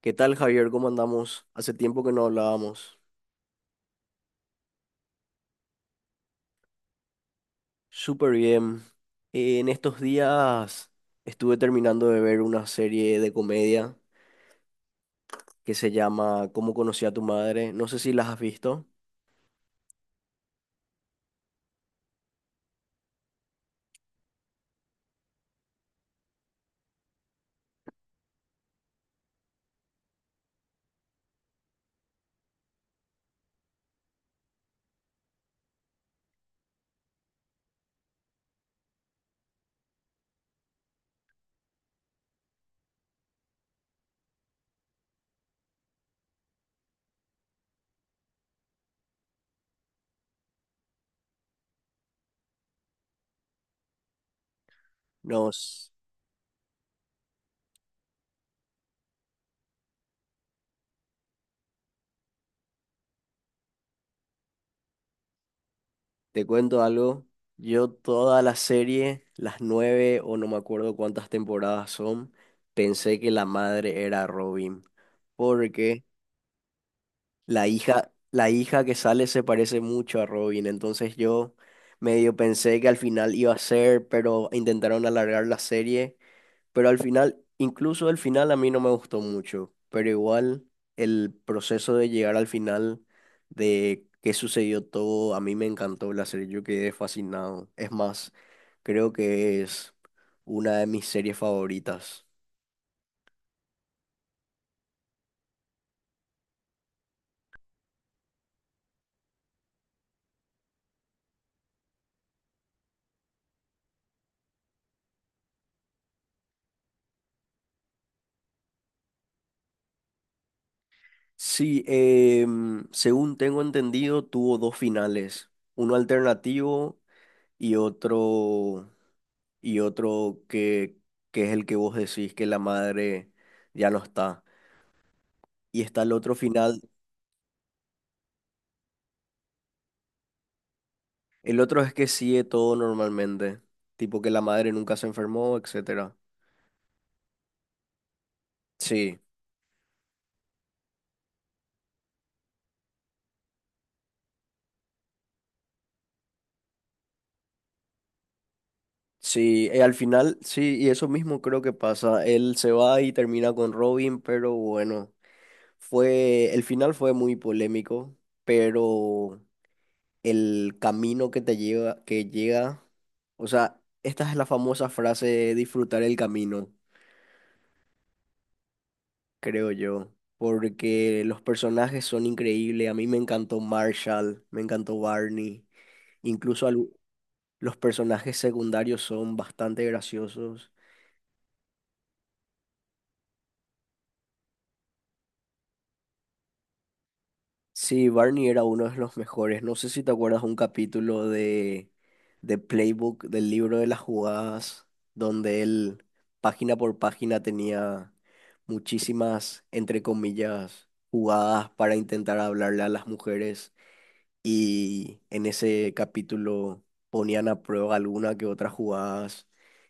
¿Qué tal, Javier? ¿Cómo andamos? Hace tiempo que no hablábamos. Súper bien. En estos días estuve terminando de ver una serie de comedia que se llama ¿Cómo conocí a tu madre? No sé si las has visto. Nos, Te cuento algo. Yo toda la serie, las nueve o no me acuerdo cuántas temporadas son, pensé que la madre era Robin. Porque la hija que sale se parece mucho a Robin, entonces yo medio pensé que al final iba a ser, pero intentaron alargar la serie. Pero al final, incluso el final a mí no me gustó mucho, pero igual el proceso de llegar al final, de qué sucedió todo, a mí me encantó la serie, yo quedé fascinado. Es más, creo que es una de mis series favoritas. Sí, según tengo entendido, tuvo dos finales, uno alternativo y otro que es el que vos decís, que la madre ya no está. Y está el otro final: el otro es que sigue todo normalmente, tipo que la madre nunca se enfermó, etcétera. Sí, sí, al final, sí, y eso mismo creo que pasa. Él se va y termina con Robin, pero bueno, el final fue muy polémico, pero el camino que te lleva, que llega. O sea, esta es la famosa frase de disfrutar el camino, creo yo, porque los personajes son increíbles. A mí me encantó Marshall, me encantó Barney, incluso al- los personajes secundarios son bastante graciosos. Sí, Barney era uno de los mejores. No sé si te acuerdas un capítulo de Playbook, del libro de las jugadas, donde él, página por página, tenía muchísimas, entre comillas, jugadas para intentar hablarle a las mujeres. Y en ese capítulo ponían a prueba alguna que otras jugadas.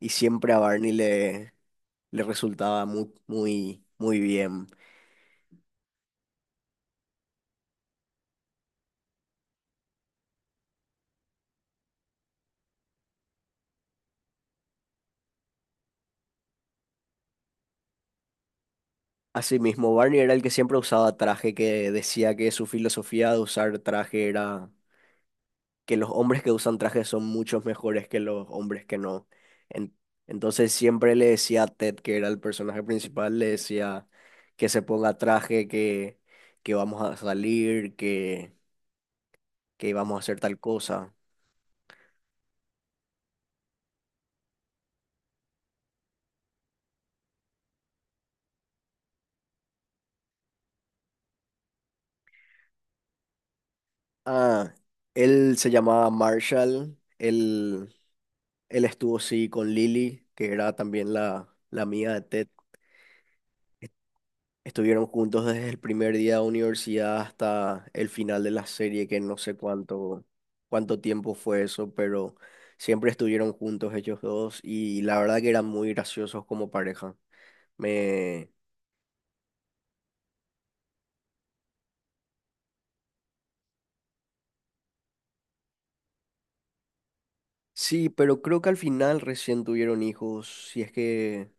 Y siempre a Barney le resultaba muy, muy, muy bien. Asimismo, Barney era el que siempre usaba traje, que decía que su filosofía de usar traje era que los hombres que usan traje son muchos mejores que los hombres que no. En- entonces siempre le decía a Ted, que era el personaje principal, le decía que se ponga traje, que vamos a salir, que íbamos a hacer tal cosa. Ah, él se llamaba Marshall. Él estuvo sí con Lily, que era también la amiga de Ted. Estuvieron juntos desde el primer día de universidad hasta el final de la serie, que no sé cuánto tiempo fue eso, pero siempre estuvieron juntos ellos dos y la verdad que eran muy graciosos como pareja. Me... Sí, pero creo que al final recién tuvieron hijos, si es que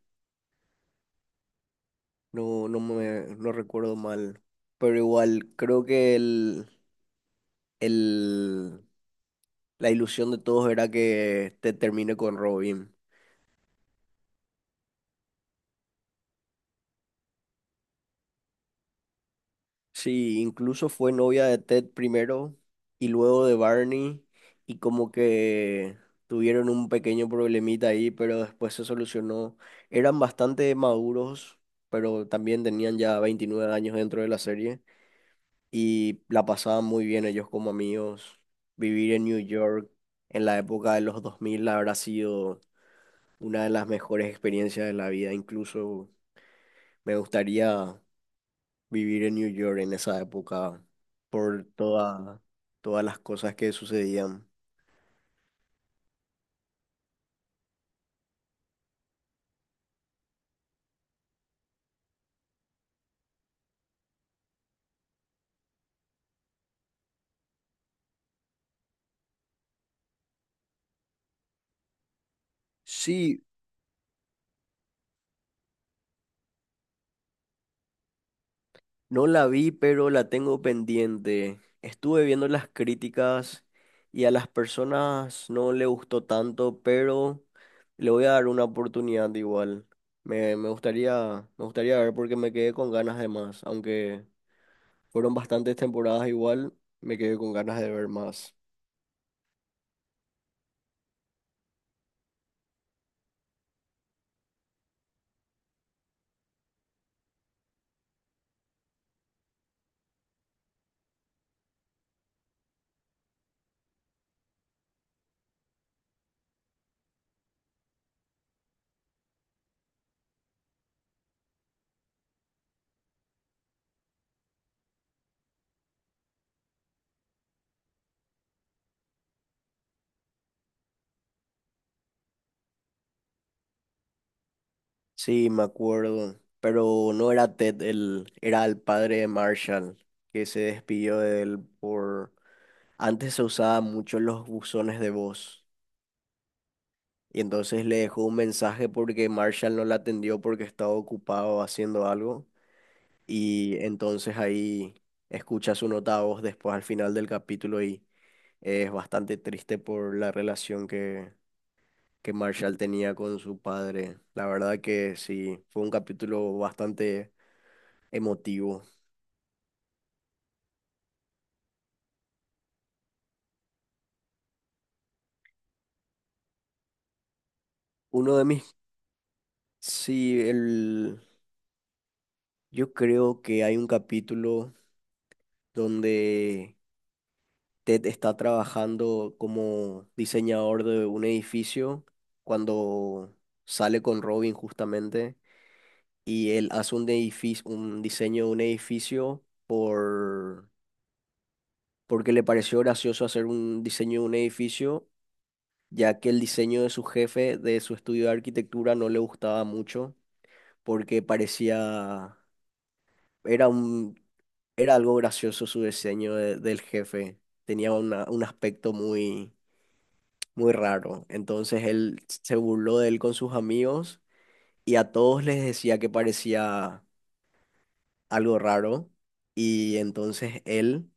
no recuerdo mal. Pero igual, creo que el, la ilusión de todos era que te termine con Robin. Sí, incluso fue novia de Ted primero y luego de Barney, y como que tuvieron un pequeño problemita ahí, pero después se solucionó. Eran bastante maduros, pero también tenían ya 29 años dentro de la serie y la pasaban muy bien ellos como amigos. Vivir en New York en la época de los 2000 habrá sido una de las mejores experiencias de la vida. Incluso me gustaría vivir en New York en esa época por todas las cosas que sucedían. Sí, no la vi, pero la tengo pendiente. Estuve viendo las críticas y a las personas no le gustó tanto, pero le voy a dar una oportunidad igual. Me gustaría, me gustaría, ver, porque me quedé con ganas de más, aunque fueron bastantes temporadas igual, me quedé con ganas de ver más. Sí, me acuerdo, pero no era Ted, era el padre de Marshall, que se despidió de él por... Antes se usaba mucho los buzones de voz, y entonces le dejó un mensaje porque Marshall no la atendió porque estaba ocupado haciendo algo, y entonces ahí escucha su nota de voz después, al final del capítulo, y es bastante triste por la relación que Marshall tenía con su padre. La verdad que sí, fue un capítulo bastante emotivo. Uno de mis... Sí, el... yo creo que hay un capítulo donde Ted está trabajando como diseñador de un edificio cuando sale con Robin justamente, y él hace un edificio, un diseño de un edificio porque le pareció gracioso hacer un diseño de un edificio, ya que el diseño de su jefe, de su estudio de arquitectura, no le gustaba mucho porque Era un, era algo gracioso su diseño del jefe. Tenía un aspecto muy, muy raro. Entonces él se burló de él con sus amigos y a todos les decía que parecía algo raro. Y entonces él,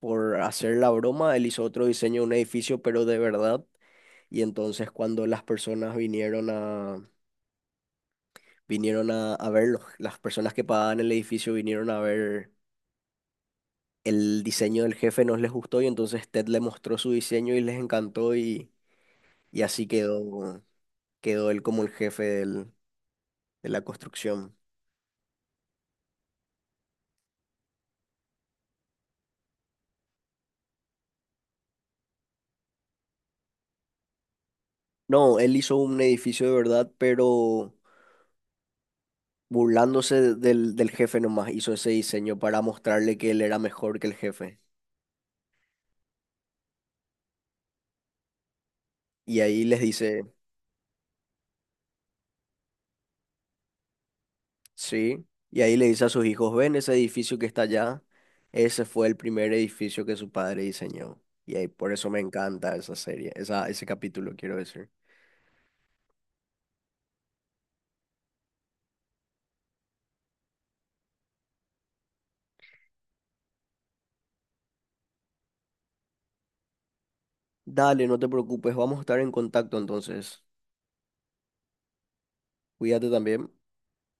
por hacer la broma, él hizo otro diseño de un edificio, pero de verdad. Y entonces cuando las personas vinieron a, vinieron a ver, las personas que pagaban el edificio vinieron a ver, el diseño del jefe no les gustó, y entonces Ted le mostró su diseño y les encantó, y así quedó él como el jefe de la construcción. No, él hizo un edificio de verdad, pero burlándose del jefe nomás, hizo ese diseño para mostrarle que él era mejor que el jefe. Y ahí sí, y ahí le dice a sus hijos: ven ese edificio que está allá, ese fue el primer edificio que su padre diseñó. Y ahí, por eso me encanta esa serie, ese capítulo, quiero decir. Dale, no te preocupes, vamos a estar en contacto entonces. Cuídate también.